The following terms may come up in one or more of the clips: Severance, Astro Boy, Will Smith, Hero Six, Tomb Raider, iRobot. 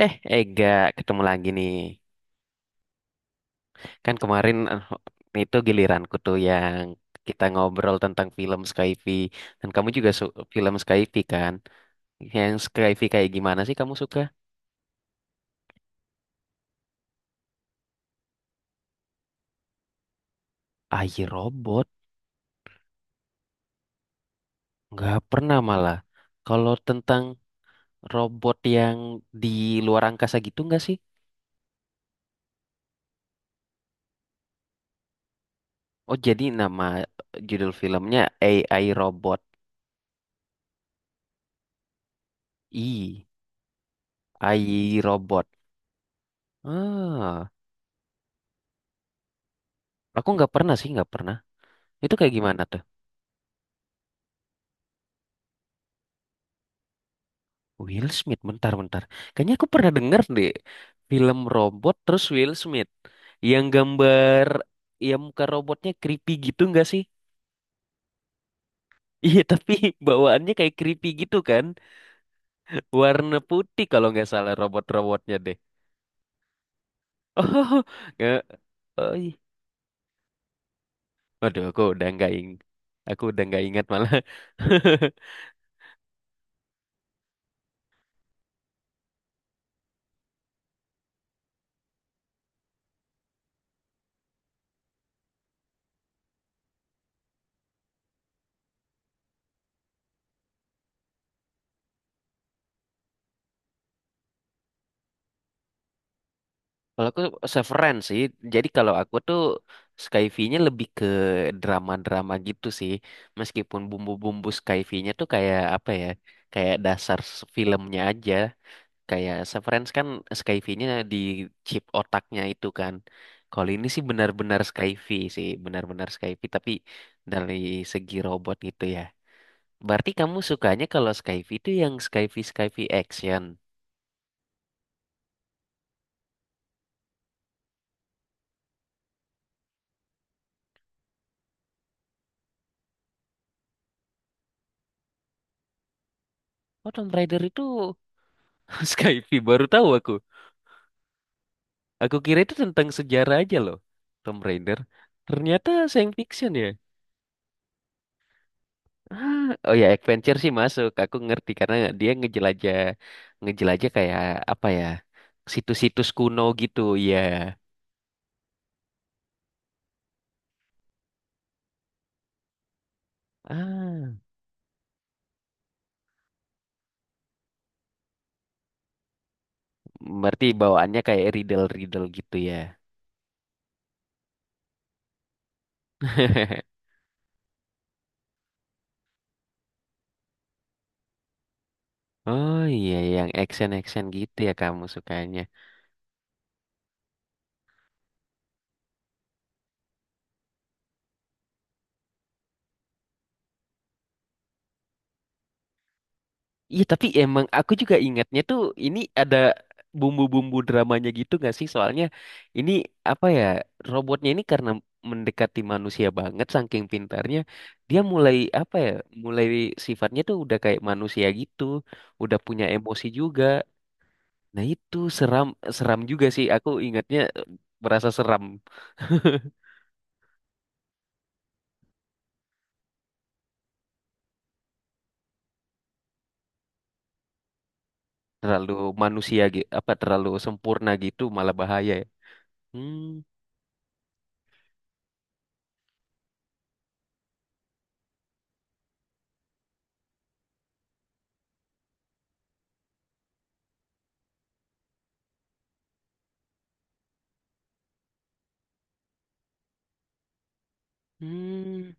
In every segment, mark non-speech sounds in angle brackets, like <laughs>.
Eh, Ega, ketemu lagi nih. Kan kemarin itu giliranku tuh yang kita ngobrol tentang film Skyfi. Dan kamu juga film Skyfi kan? Yang Skyfi kayak gimana sih kamu suka? AI Robot? Nggak pernah malah. Kalau tentang robot yang di luar angkasa gitu nggak sih? Oh, jadi nama judul filmnya AI Robot. I, AI Robot. Ah, aku nggak pernah sih, nggak pernah. Itu kayak gimana tuh? Will Smith, bentar, bentar. Kayaknya aku pernah denger deh film robot terus Will Smith. Yang gambar, ya muka robotnya creepy gitu nggak sih? Iya, tapi <laughs> bawaannya kayak creepy gitu kan. Warna putih kalau nggak salah robot-robotnya deh. <laughs> Oh, nggak. Oh, iya. Waduh, aku udah nggak ingat malah. <laughs> Kalau aku Severance sih. Jadi kalau aku tuh Skyfi-nya lebih ke drama-drama gitu sih. Meskipun bumbu-bumbu Skyfi-nya tuh kayak apa ya? Kayak dasar filmnya aja. Kayak Severance kan Skyfi-nya di chip otaknya itu kan. Kalau ini sih, benar-benar Skyfi tapi dari segi robot gitu ya. Berarti kamu sukanya kalau Skyfi itu yang Skyfi Skyfi action. Oh, Tomb Raider itu <laughs> Skyfi baru tahu aku. Aku kira itu tentang sejarah aja loh, Tomb Raider. Ternyata science fiction ya. Ah, oh ya, adventure sih masuk. Aku ngerti karena dia ngejelajah kayak apa ya, situs-situs kuno gitu ya. Ah, berarti bawaannya kayak riddle-riddle gitu ya. <laughs> Oh iya, yang action-action gitu ya kamu sukanya. Iya tapi emang aku juga ingatnya tuh ini ada bumbu-bumbu dramanya gitu gak sih? Soalnya ini apa ya robotnya ini karena mendekati manusia banget saking pintarnya dia mulai apa ya mulai sifatnya tuh udah kayak manusia gitu udah punya emosi juga. Nah itu seram seram juga sih aku ingatnya merasa seram terlalu manusia gitu apa terlalu sempurna gitu malah bahaya ya. Hmm, hmm,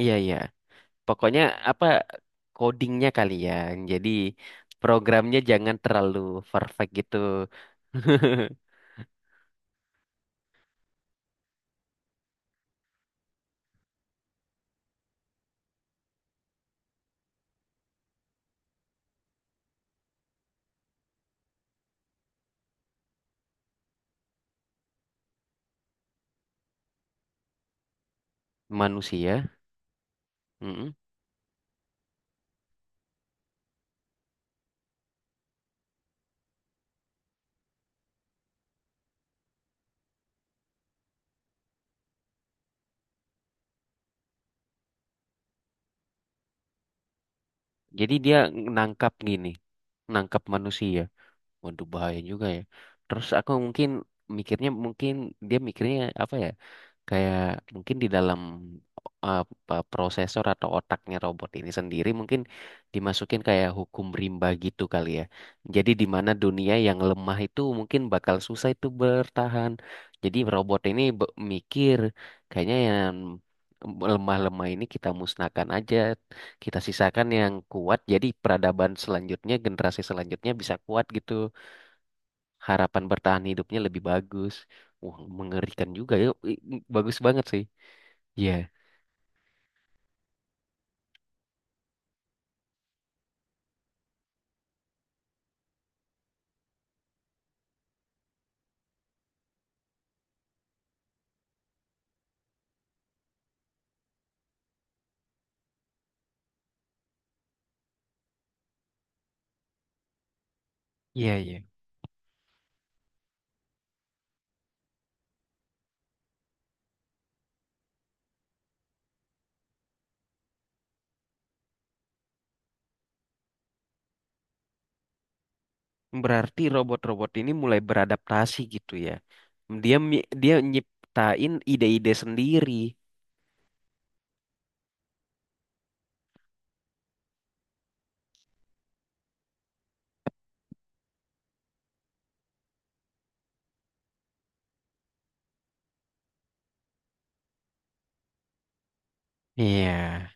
iya iya Pokoknya apa codingnya kali ya. Jadi programnya jangan terlalu perfect gitu. <laughs> Manusia. Mm-mm. Jadi dia nangkap gini, nangkap manusia. Waduh bahaya juga ya. Terus aku mungkin mikirnya mungkin dia mikirnya apa ya? Kayak mungkin di dalam apa, prosesor atau otaknya robot ini sendiri mungkin dimasukin kayak hukum rimba gitu kali ya. Jadi di mana dunia yang lemah itu mungkin bakal susah itu bertahan. Jadi robot ini mikir kayaknya yang lemah-lemah ini kita musnahkan aja, kita sisakan yang kuat. Jadi peradaban selanjutnya, generasi selanjutnya bisa kuat gitu. Harapan bertahan hidupnya lebih bagus. Wah, mengerikan juga ya. Bagus banget sih. Iya, iya, iya. Berarti robot-robot ini mulai beradaptasi gitu ya. Dia nyiptain ide-ide sendiri. Iya,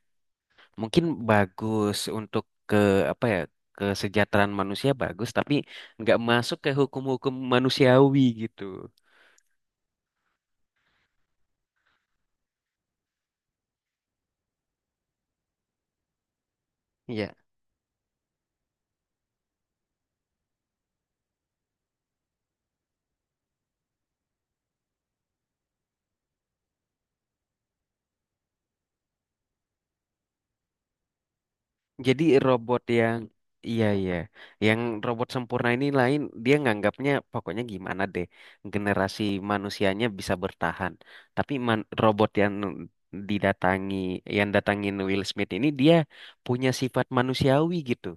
mungkin bagus untuk ke apa ya kesejahteraan manusia bagus, tapi nggak masuk ke hukum-hukum manusiawi gitu. Iya. Jadi robot yang iya iya, yang robot sempurna ini lain dia nganggapnya pokoknya gimana deh generasi manusianya bisa bertahan. Tapi robot yang didatangi yang datangin Will Smith ini dia punya sifat manusiawi gitu.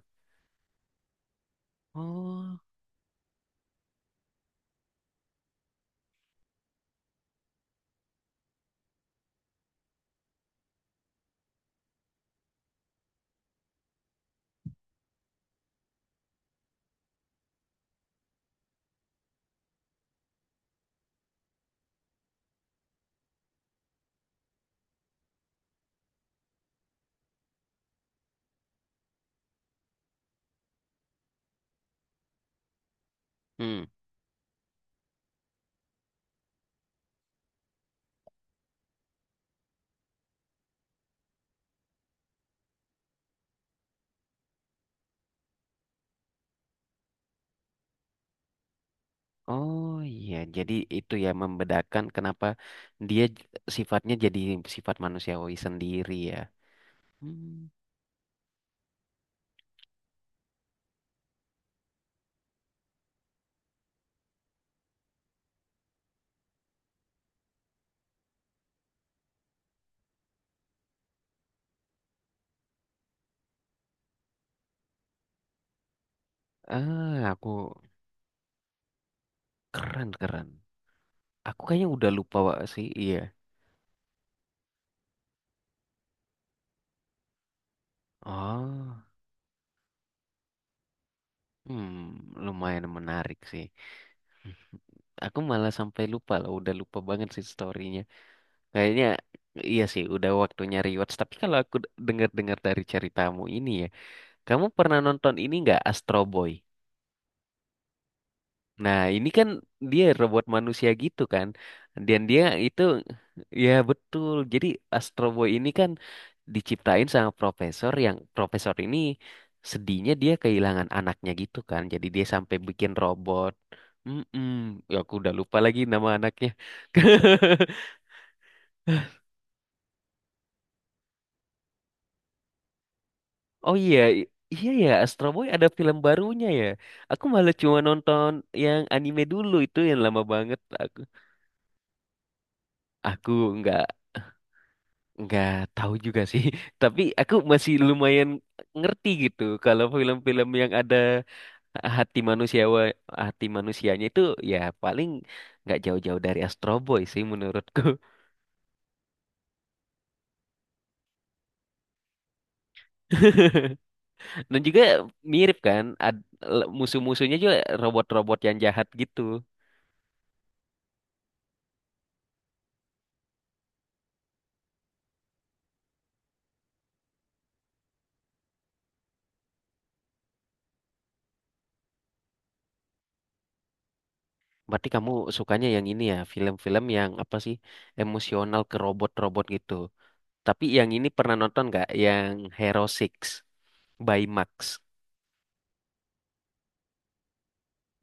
Oh, hmm. Oh iya, jadi itu ya membedakan kenapa dia sifatnya jadi sifat manusiawi sendiri ya. Hmm. Ah, aku keren keren. Aku kayaknya udah lupa Wak, sih, iya. Oh, hmm, lumayan menarik sih. Hmm, aku malah sampai lupa loh, udah lupa banget sih storynya. Kayaknya iya sih, udah waktunya rewatch. Tapi kalau aku dengar-dengar dari ceritamu ini ya, kamu pernah nonton ini nggak Astro Boy? Nah, ini kan dia robot manusia gitu kan. Dan dia itu ya betul. Jadi Astro Boy ini kan diciptain sama profesor yang profesor ini sedihnya dia kehilangan anaknya gitu kan. Jadi dia sampai bikin robot. Mm-mm. Ya, aku udah lupa lagi nama anaknya. <laughs> Oh iya, iya ya Astro Boy ada film barunya ya. Aku malah cuma nonton yang anime dulu itu yang lama banget aku. Aku nggak nggak tahu juga sih <laughs> tapi aku masih lumayan ngerti gitu kalau film-film yang ada hati manusia hati manusianya itu ya paling nggak jauh-jauh dari Astro Boy sih menurutku <laughs> dan juga mirip kan musuh-musuhnya juga robot-robot yang jahat gitu berarti kamu sukanya yang ini ya film-film yang apa sih emosional ke robot-robot gitu tapi yang ini pernah nonton nggak yang Hero Six by Max.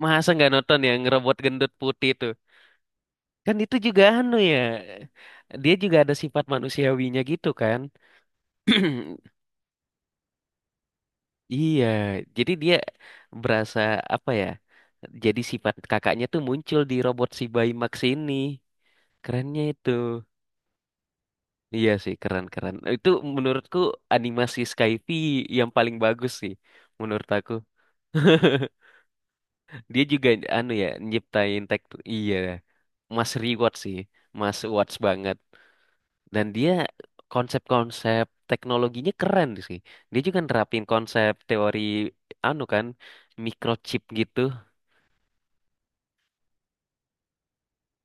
Masa nggak nonton yang robot gendut putih itu? Kan itu juga anu ya. Dia juga ada sifat manusiawinya gitu kan. <clears throat> Iya, jadi dia berasa apa ya? Jadi sifat kakaknya tuh muncul di robot si Bayi Max ini. Kerennya itu. Iya sih, keren-keren. Itu menurutku animasi Skyfi yang paling bagus sih menurut aku. Dia juga anu ya nyiptain teks iya Mas Reward sih. Mas Watts banget. Dan dia konsep-konsep teknologinya keren sih. Dia juga nerapin konsep teori anu kan microchip gitu.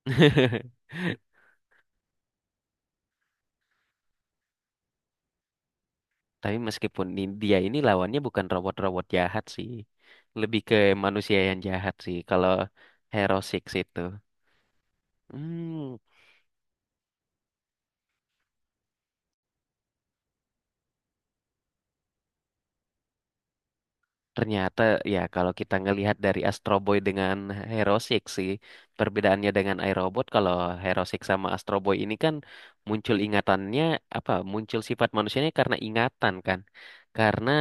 <laughs> Tapi meskipun dia ini lawannya bukan robot-robot jahat sih. Lebih ke manusia yang jahat sih kalau Hero Six itu. Hmm, ternyata ya kalau kita ngelihat dari Astro Boy dengan Hero Six sih, perbedaannya dengan iRobot kalau Hero Six sama Astro Boy ini kan muncul ingatannya apa muncul sifat manusianya karena ingatan kan. Karena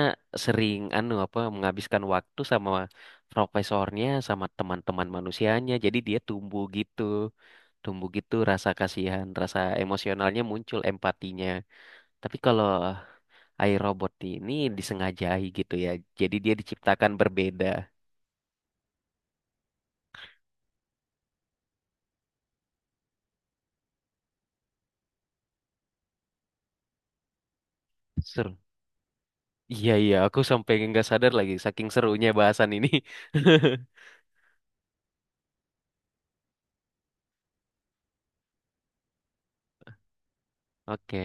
sering anu apa menghabiskan waktu sama profesornya sama teman-teman manusianya. Jadi dia tumbuh gitu rasa kasihan, rasa emosionalnya muncul empatinya. Tapi kalau iRobot ini disengajai gitu ya. Jadi dia diciptakan berbeda. Seru. Iya, iya. Aku sampai nggak sadar lagi saking serunya bahasan ini. <laughs> Oke.